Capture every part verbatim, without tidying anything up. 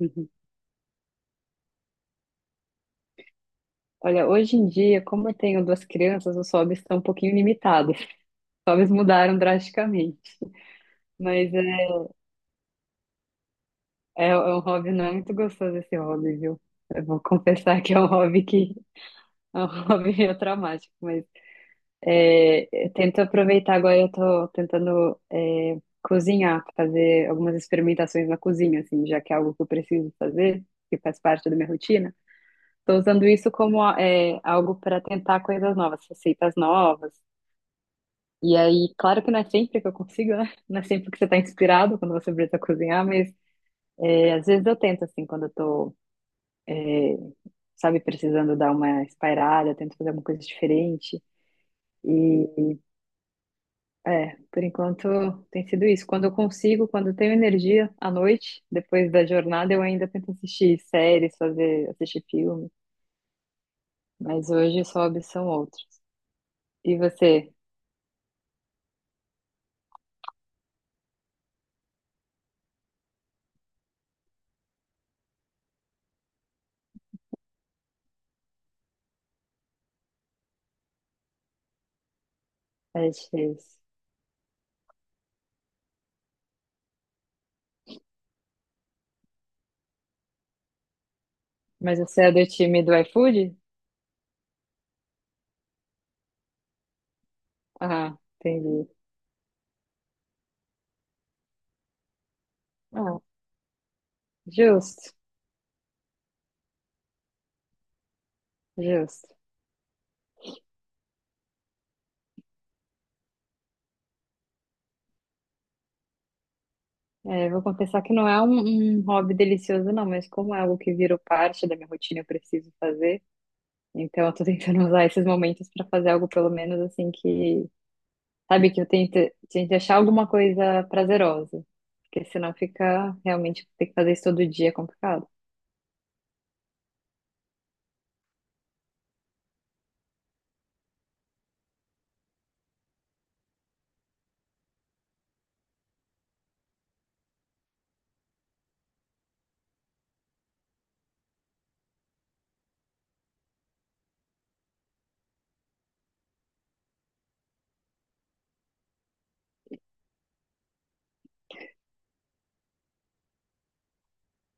Uhum. Olha, hoje em dia, como eu tenho duas crianças, os hobbies estão um pouquinho limitados. Os hobbies mudaram drasticamente. Mas é, é, é um hobby, não é muito gostoso esse hobby, viu? Eu vou confessar que é um hobby que é um hobby meio traumático, mas é, eu tento aproveitar agora, eu tô tentando é, cozinhar, fazer algumas experimentações na cozinha, assim, já que é algo que eu preciso fazer, que faz parte da minha rotina. Estou usando isso como é, algo para tentar coisas novas, receitas novas. E aí, claro que não é sempre que eu consigo, né? Não é sempre que você está inspirado quando você precisa cozinhar, mas é, às vezes eu tento, assim, quando eu tô, sabe, precisando dar uma espairada, eu tento fazer alguma coisa diferente. E, é, por enquanto tem sido isso. Quando eu consigo, quando eu tenho energia à noite, depois da jornada, eu ainda tento assistir séries, fazer, assistir filme. Mas hoje os hobbies são outros. E você, Ed, fez? Mas você é do time do iFood? Ah, entendi. Ah, justo, justo. É, vou confessar que não é um, um hobby delicioso, não, mas como é algo que virou parte da minha rotina, eu preciso fazer. Então, eu tô tentando usar esses momentos para fazer algo, pelo menos, assim, que. Sabe, que eu tento, tento achar alguma coisa prazerosa. Porque senão fica realmente ter que fazer isso todo dia é complicado.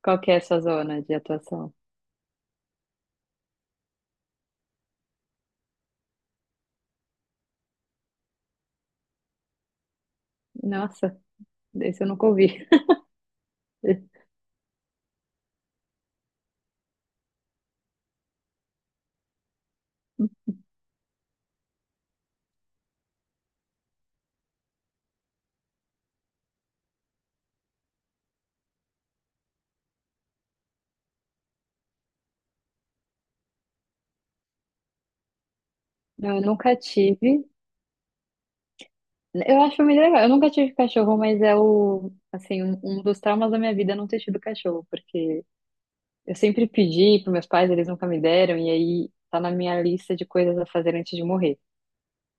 Qual que é a sua zona de atuação? Nossa, esse eu nunca ouvi. Não, eu nunca tive. Eu acho muito legal. Eu nunca tive cachorro, mas é o, assim, um, um dos traumas da minha vida é não ter tido cachorro, porque eu sempre pedi para meus pais, eles nunca me deram, e aí tá na minha lista de coisas a fazer antes de morrer.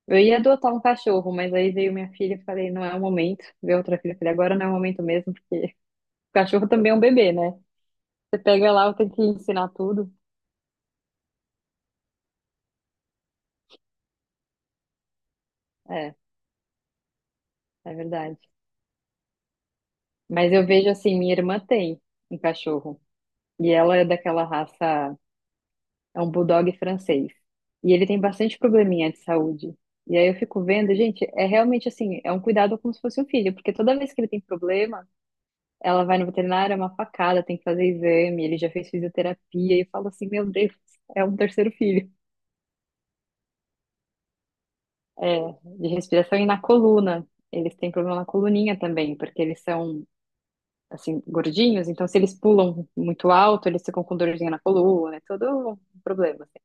Eu ia adotar um cachorro, mas aí veio minha filha e falei, não é o momento. Veio outra filha e falei, agora não é o momento mesmo, porque o cachorro também é um bebê, né? Você pega lá, tem que ensinar tudo. É, é verdade. Mas eu vejo assim, minha irmã tem um cachorro, e ela é daquela raça. É um bulldog francês. E ele tem bastante probleminha de saúde. E aí eu fico vendo, gente, é realmente assim, é um cuidado como se fosse um filho, porque toda vez que ele tem problema, ela vai no veterinário, é uma facada, tem que fazer exame, ele já fez fisioterapia, e eu falo assim, meu Deus, é um terceiro filho. É, de respiração e na coluna. Eles têm problema na coluninha também, porque eles são, assim, gordinhos, então se eles pulam muito alto, eles ficam com dorzinha na coluna, é todo um problema, assim.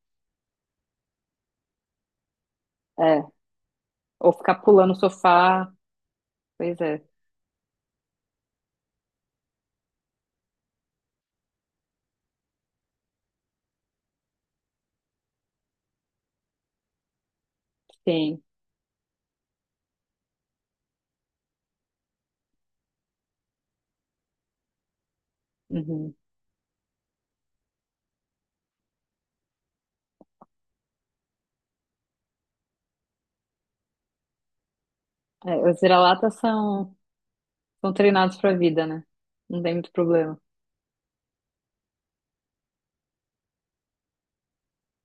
É, ou ficar pulando o sofá, pois é. Sim. Uhum. É, os vira-latas são, são treinados para a vida, né? Não tem muito problema.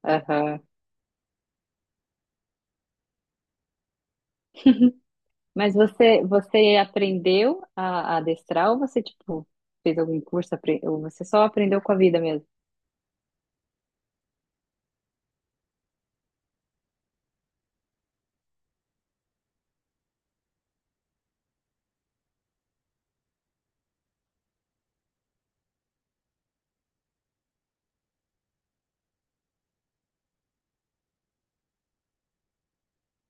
Aham. Mas você, você aprendeu a, a adestrar ou você, tipo, fez algum curso, apre- ou você só aprendeu com a vida mesmo?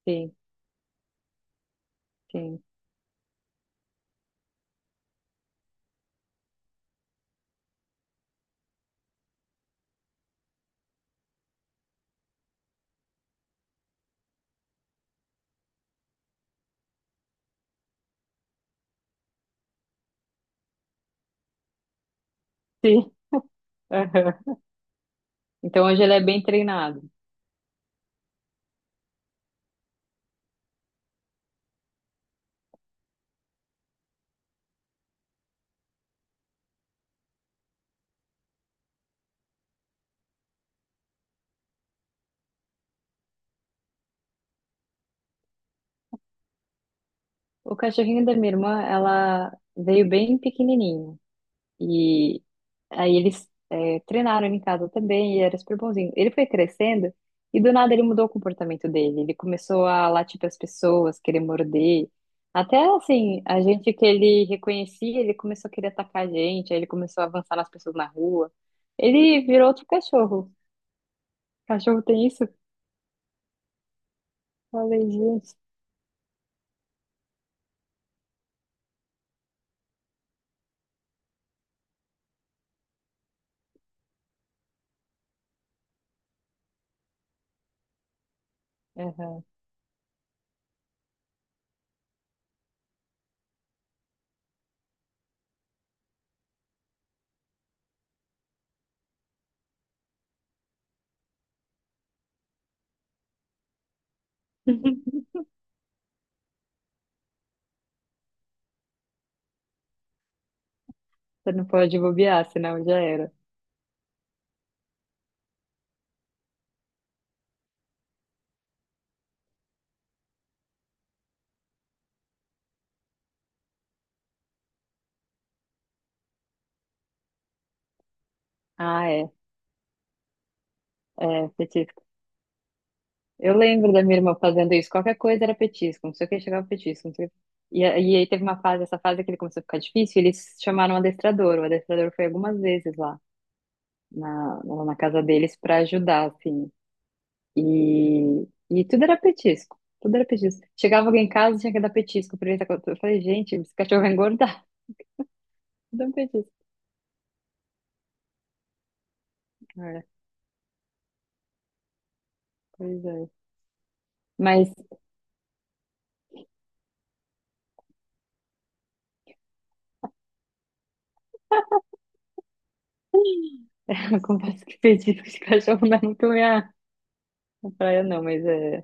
Sim, sim, sim. Aham. Então hoje ele é bem treinado. O cachorrinho da minha irmã, ela veio bem pequenininho. E aí eles é, treinaram ele em casa também e era super bonzinho. Ele foi crescendo e do nada ele mudou o comportamento dele. Ele começou a latir para as pessoas, querer morder. Até assim, a gente que ele reconhecia, ele começou a querer atacar a gente, aí ele começou a avançar nas pessoas na rua. Ele virou outro cachorro. Cachorro tem isso? Falei, gente. Aham. Você não pode bobear, senão já era. Ah, é. É, eu lembro da minha irmã fazendo isso. Qualquer coisa era petisco, não sei o que, chegava petisco. Não sei o quê. E, a- e aí teve uma fase, essa fase que ele começou a ficar difícil, e eles chamaram um adestrador. O adestrador foi algumas vezes lá na, lá na casa deles para ajudar, assim. E, e tudo era petisco, tudo era petisco. Chegava alguém em casa, tinha que dar petisco pra ele. Tá com- Eu falei, gente, esse cachorro vai engordar. Dá um petisco. É, pois é. Mas eu confesso que petisco de cachorro não é muito minha praia, não, mas é.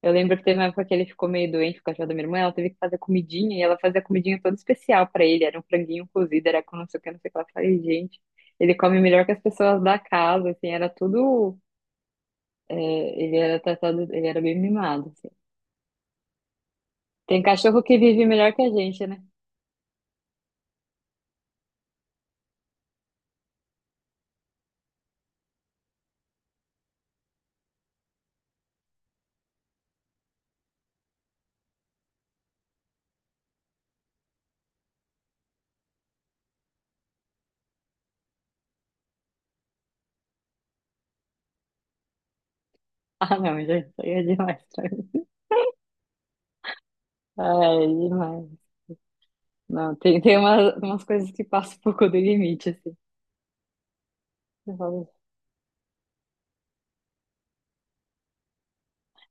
Eu lembro que teve uma época que ele ficou meio doente, o cachorro da minha irmã, ela teve que fazer comidinha e ela fazia comidinha toda especial pra ele. Era um franguinho cozido, era com não sei o que, não sei o que. Lá. Eu falei, gente, ele come melhor que as pessoas da casa, assim, era tudo. É, ele era tratado, ele era bem mimado, assim. Tem cachorro que vive melhor que a gente, né? Ah, não, gente, isso aí é demais pra mim. Ah, é demais. Não, tem, tem umas, umas coisas que passam um pouco do limite, assim. Eu falo,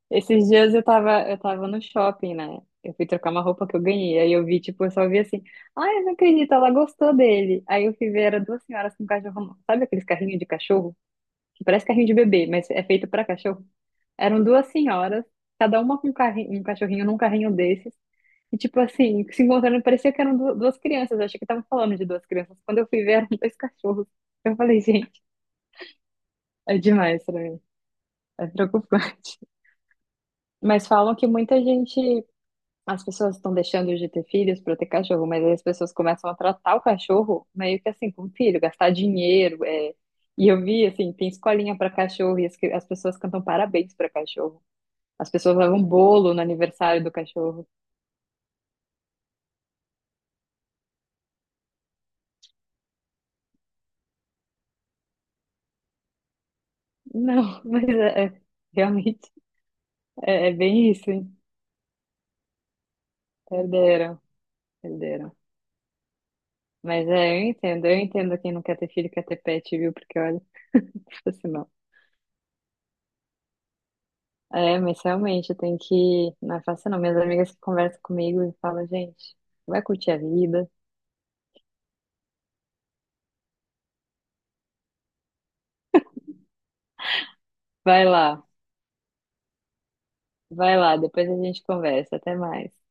esses dias eu tava, eu tava no shopping, né? Eu fui trocar uma roupa que eu ganhei. Aí eu vi, tipo, eu só vi assim, ai, eu não acredito, ela gostou dele. Aí eu fui ver, era duas senhoras com cachorro. Sabe aqueles carrinhos de cachorro? Que parece carrinho de bebê, mas é feito pra cachorro. Eram duas senhoras, cada uma com um carrinho, um cachorrinho num carrinho desses. E, tipo assim, se encontrando, parecia que eram du- duas crianças. Eu achei que estavam falando de duas crianças. Quando eu fui ver, eram dois cachorros. Eu falei, gente, é demais pra mim. É preocupante. Mas falam que muita gente. As pessoas estão deixando de ter filhos para ter cachorro, mas aí as pessoas começam a tratar o cachorro meio que assim, como filho, gastar dinheiro. É. E eu vi, assim, tem escolinha para cachorro e as, cri- as pessoas cantam parabéns para cachorro. As pessoas levam bolo no aniversário do cachorro. Não, mas é, é- realmente é, é bem isso, hein? Perderam, perderam. Mas é, eu entendo, eu entendo quem não quer ter filho, quer ter pet, viu? Porque olha, se não. É, mas realmente eu tenho que. Não é fácil não. Minhas amigas que conversam comigo e falam, gente, vai curtir a vida. Vai lá, vai lá, depois a gente conversa. Até mais.